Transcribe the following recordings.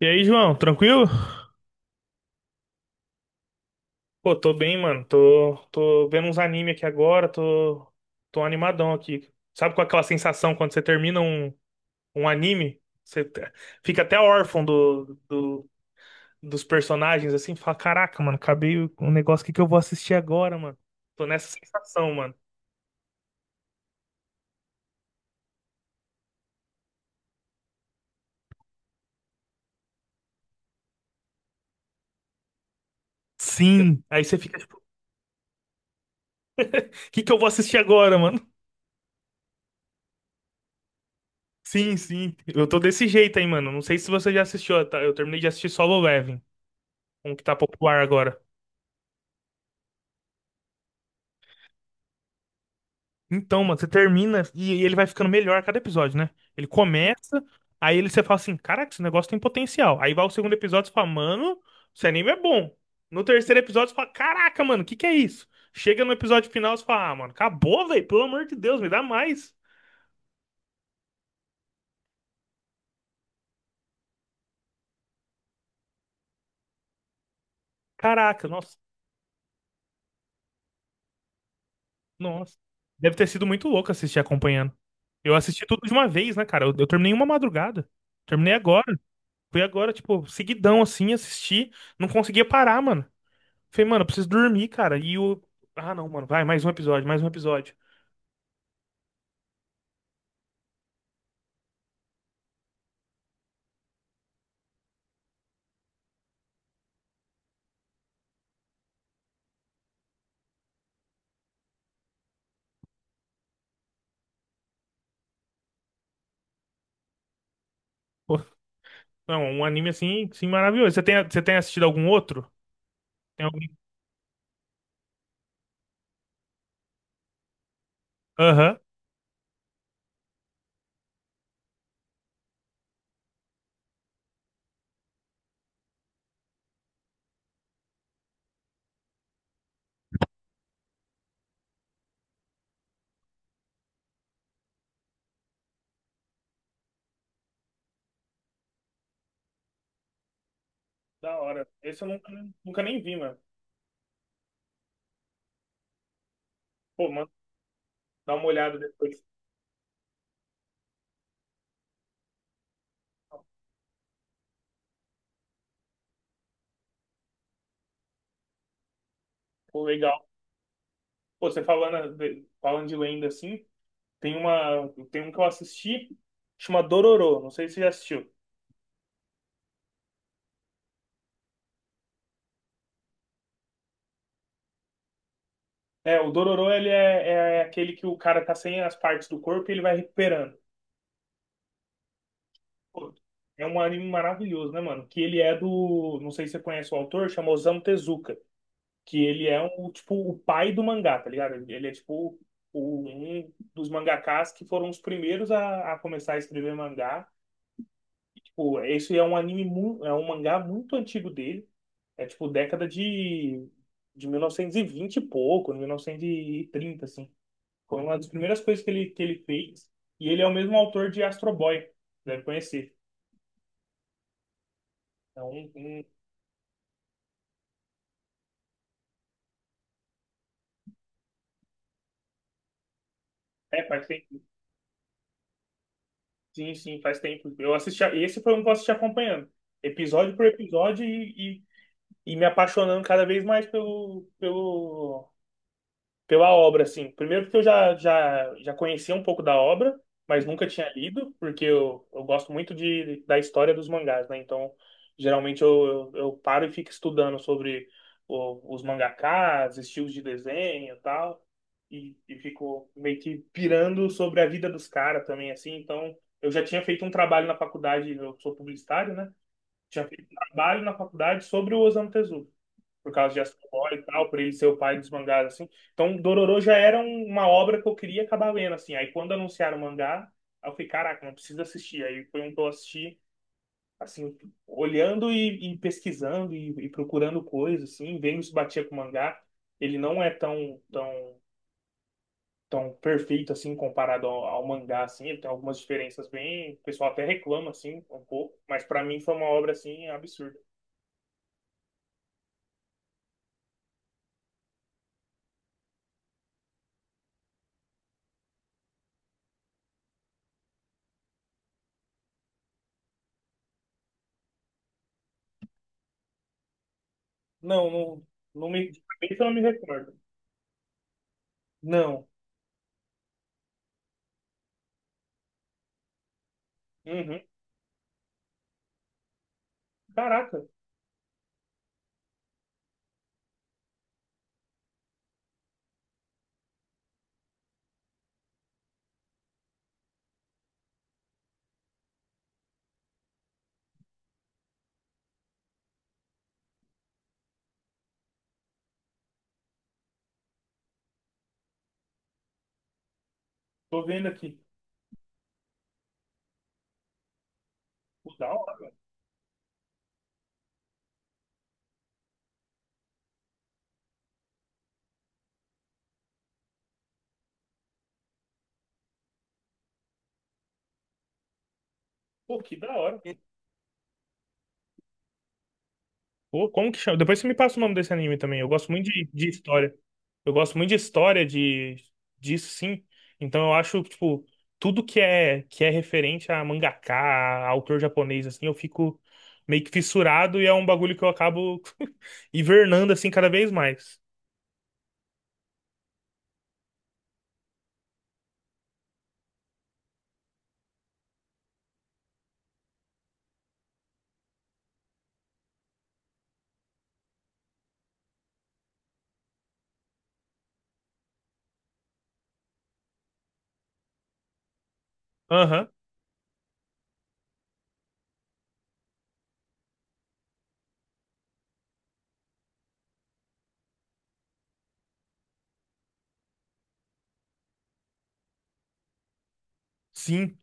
E aí, João, tranquilo? Pô, tô bem, mano. Tô vendo uns anime aqui agora, tô animadão aqui. Sabe com aquela sensação quando você termina um anime? Fica até órfão dos personagens, assim, fala, caraca, mano, acabei o um negócio, o que que eu vou assistir agora, mano? Tô nessa sensação, mano. Sim. Aí você fica tipo, o que que eu vou assistir agora, mano? Sim, sim. Eu tô desse jeito aí, mano. Não sei se você já assistiu, tá? Eu terminei de assistir Solo Leveling, um que tá popular agora. Então, mano, você termina e ele vai ficando melhor a cada episódio, né? Ele começa, você fala assim, caraca, esse negócio tem potencial. Aí vai o segundo episódio, você fala, mano, esse anime é bom. No terceiro episódio, você fala, caraca, mano, o que que é isso? Chega no episódio final, você fala, ah, mano, acabou, velho, pelo amor de Deus, me dá mais. Caraca, nossa, nossa. Deve ter sido muito louco assistir acompanhando. Eu assisti tudo de uma vez, né, cara? Eu terminei uma madrugada. Terminei agora. Fui agora, tipo, seguidão, assim, assisti. Não conseguia parar, mano. Falei, mano, eu preciso dormir, cara. E o. Ah, não, mano, vai, mais um episódio, mais um episódio. Pô, não, um anime assim, assim maravilhoso. Você tem assistido algum outro? Tem algum? Aham. Da hora. Esse eu nunca, nunca nem vi, mano. Pô, mano, dá uma olhada depois. Pô, legal. Pô, você falando de lenda assim, tem uma, tem um que eu assisti, chama Dororo. Não sei se você já assistiu. É, o Dororo, ele é aquele que o cara tá sem as partes do corpo e ele vai recuperando. Pô, é um anime maravilhoso, né, mano? Que ele é do. Não sei se você conhece o autor, chama Osamu Tezuka. Que ele é um, tipo, o pai do mangá, tá ligado? Ele é, tipo, um dos mangakás que foram os primeiros a começar a escrever mangá. Tipo, esse é um anime, é um mangá muito antigo dele. É, tipo, década de 1920 e pouco, 1930, assim. Foi uma das primeiras coisas que ele fez. E ele é o mesmo autor de Astro Boy, deve conhecer. É um É, faz tempo. Sim, sim, faz tempo. Eu assisti. Esse foi um que eu assisti acompanhando. Episódio por episódio e me apaixonando cada vez mais pela obra, assim. Primeiro porque eu já conhecia um pouco da obra, mas nunca tinha lido, porque eu gosto muito de, da história dos mangás, né? Então, geralmente eu paro e fico estudando sobre os mangakas estilos de desenho e tal, e fico meio que pirando sobre a vida dos caras também, assim. Então, eu já tinha feito um trabalho na faculdade, eu sou publicitário, né? Tinha feito um trabalho na faculdade sobre o Osamu Tezuka por causa de Astro Boy e tal, por ele ser o pai dos mangás, assim. Então, Dororo já era uma obra que eu queria acabar lendo, assim. Aí, quando anunciaram o mangá, aí eu falei, caraca, não preciso assistir. Aí foi um que eu assisti, assim, olhando e pesquisando e procurando coisas, assim, vendo se batia com o mangá. Ele não é tão, tão, tão perfeito, assim, comparado ao mangá, assim. Ele tem algumas diferenças bem. O pessoal até reclama, assim, um pouco. Mas, pra mim, foi uma obra, assim, absurda. Não, não, não me. Eu não me recordo. Não. Uhum. Caraca, tô vendo aqui. Pô, da hora, velho. Pô, que da hora. Pô, como que chama? Depois você me passa o nome desse anime também. Eu gosto muito de história. Eu gosto muito de história, de disso sim. Então eu acho, tipo, tudo que é referente a mangaka, a autor japonês, assim, eu fico meio que fissurado e é um bagulho que eu acabo hibernando, assim, cada vez mais. Aham. Sim.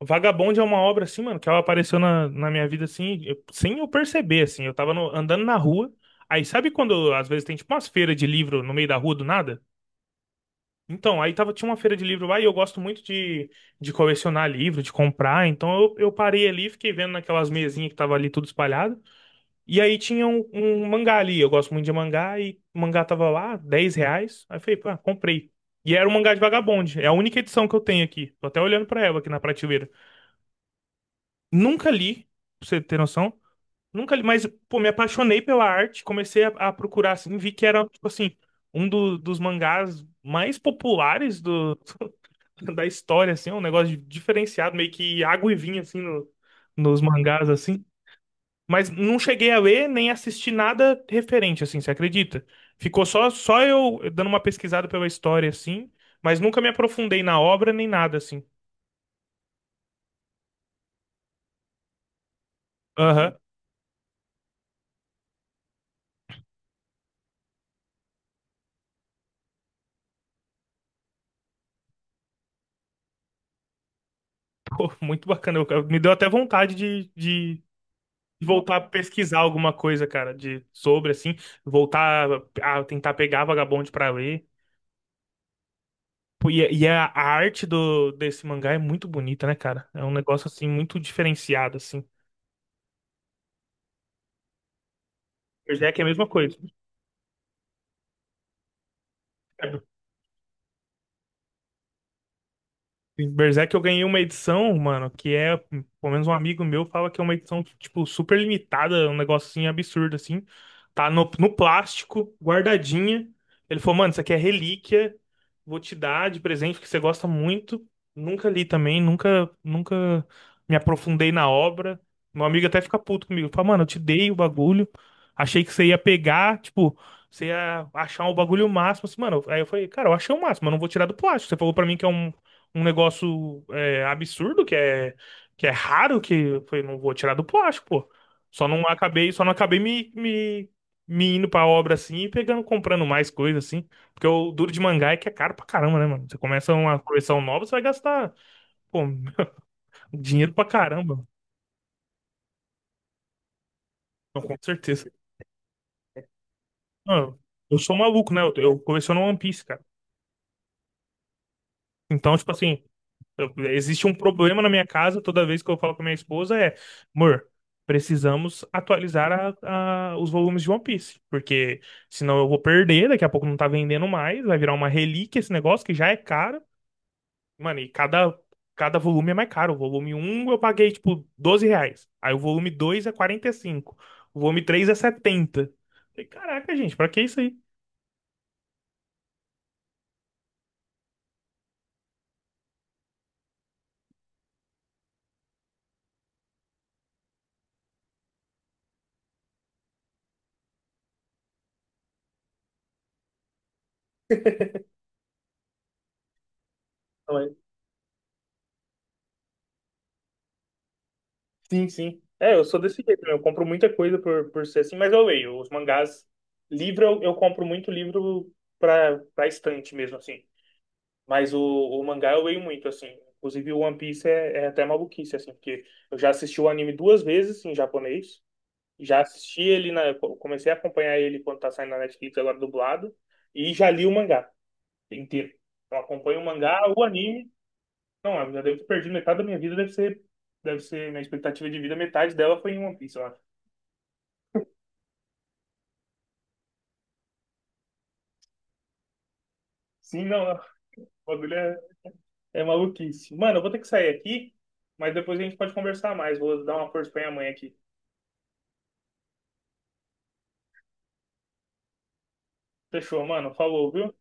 Vagabond é uma obra assim, mano, que ela apareceu na minha vida assim, sem eu perceber, assim. Eu tava andando na rua. Aí sabe quando às vezes tem tipo umas feiras de livro no meio da rua do nada? Então, aí tava, tinha uma feira de livro lá e eu gosto muito de colecionar livro, de comprar. Então eu parei ali, fiquei vendo naquelas mesinhas que tava ali tudo espalhado. E aí tinha um mangá ali. Eu gosto muito de mangá e o mangá tava lá, R$ 10. Aí eu falei, pá, comprei. E era um mangá de Vagabond. É a única edição que eu tenho aqui. Tô até olhando pra ela aqui na prateleira. Nunca li, pra você ter noção. Nunca li, mas, pô, me apaixonei pela arte. Comecei a procurar, assim, vi que era, tipo assim, um dos mangás mais populares do, da história, assim. É um negócio diferenciado, meio que água e vinho, assim, nos mangás, assim. Mas não cheguei a ler nem assisti nada referente, assim, você acredita? Ficou só eu dando uma pesquisada pela história, assim. Mas nunca me aprofundei na obra nem nada, assim. Aham. Pô, muito bacana. Me deu até vontade de voltar a pesquisar alguma coisa, cara, de sobre assim, voltar a tentar pegar Vagabond pra ler. Pô, e é a arte do desse mangá é muito bonita, né, cara? É um negócio assim muito diferenciado assim. Berserk é a mesma coisa. Berserk eu ganhei uma edição, mano, que é, pelo menos um amigo meu fala que é uma edição, tipo, super limitada, um negocinho absurdo, assim. Tá no plástico, guardadinha. Ele falou, mano, isso aqui é relíquia, vou te dar de presente, porque você gosta muito. Nunca li também, nunca, nunca me aprofundei na obra. Meu amigo até fica puto comigo. Fala, mano, eu te dei o bagulho, achei que você ia pegar, tipo, você ia achar o bagulho máximo. Assim, mano, aí eu falei, cara, eu achei o máximo, eu não vou tirar do plástico. Você falou pra mim que é um negócio é, absurdo, que é raro, que eu falei, não vou tirar do plástico, pô. Só não acabei me indo pra obra assim e pegando, comprando mais coisa assim. Porque o duro de mangá é que é caro pra caramba, né, mano? Você começa uma coleção nova, você vai gastar, pô, dinheiro pra caramba. Então, com certeza. Mano, eu sou maluco, né? Eu coleciono One Piece, cara. Então, tipo assim, Existe um problema na minha casa toda vez que eu falo com a minha esposa é, amor, precisamos atualizar os volumes de One Piece, porque senão eu vou perder, daqui a pouco não tá vendendo mais, vai virar uma relíquia esse negócio que já é caro. Mano, e cada volume é mais caro. O volume um eu paguei, tipo, R$ 12. Aí o volume 2 é 45. O volume 3 é 70. Falei, caraca, gente, pra que isso aí? Sim, sim. É, eu sou desse jeito, né? Eu compro muita coisa por ser assim, mas eu leio. Os mangás, livro, eu compro muito livro pra estante mesmo, assim. Mas o mangá eu leio muito, assim. Inclusive, o One Piece é até maluquice, assim, porque eu já assisti o anime duas vezes em japonês. Já assisti ele na. Eu Comecei a acompanhar ele quando tá saindo na Netflix agora dublado. E já li o mangá inteiro. Então acompanho o mangá, o anime não, eu já devo ter perdido metade da minha vida, deve ser minha expectativa de vida, metade dela foi em One Piece, eu acho. Sim, não, o bagulho é maluquice. Mano, eu vou ter que sair aqui, mas depois a gente pode conversar mais. Vou dar uma força pra minha mãe aqui. Fechou, mano. Falou, viu?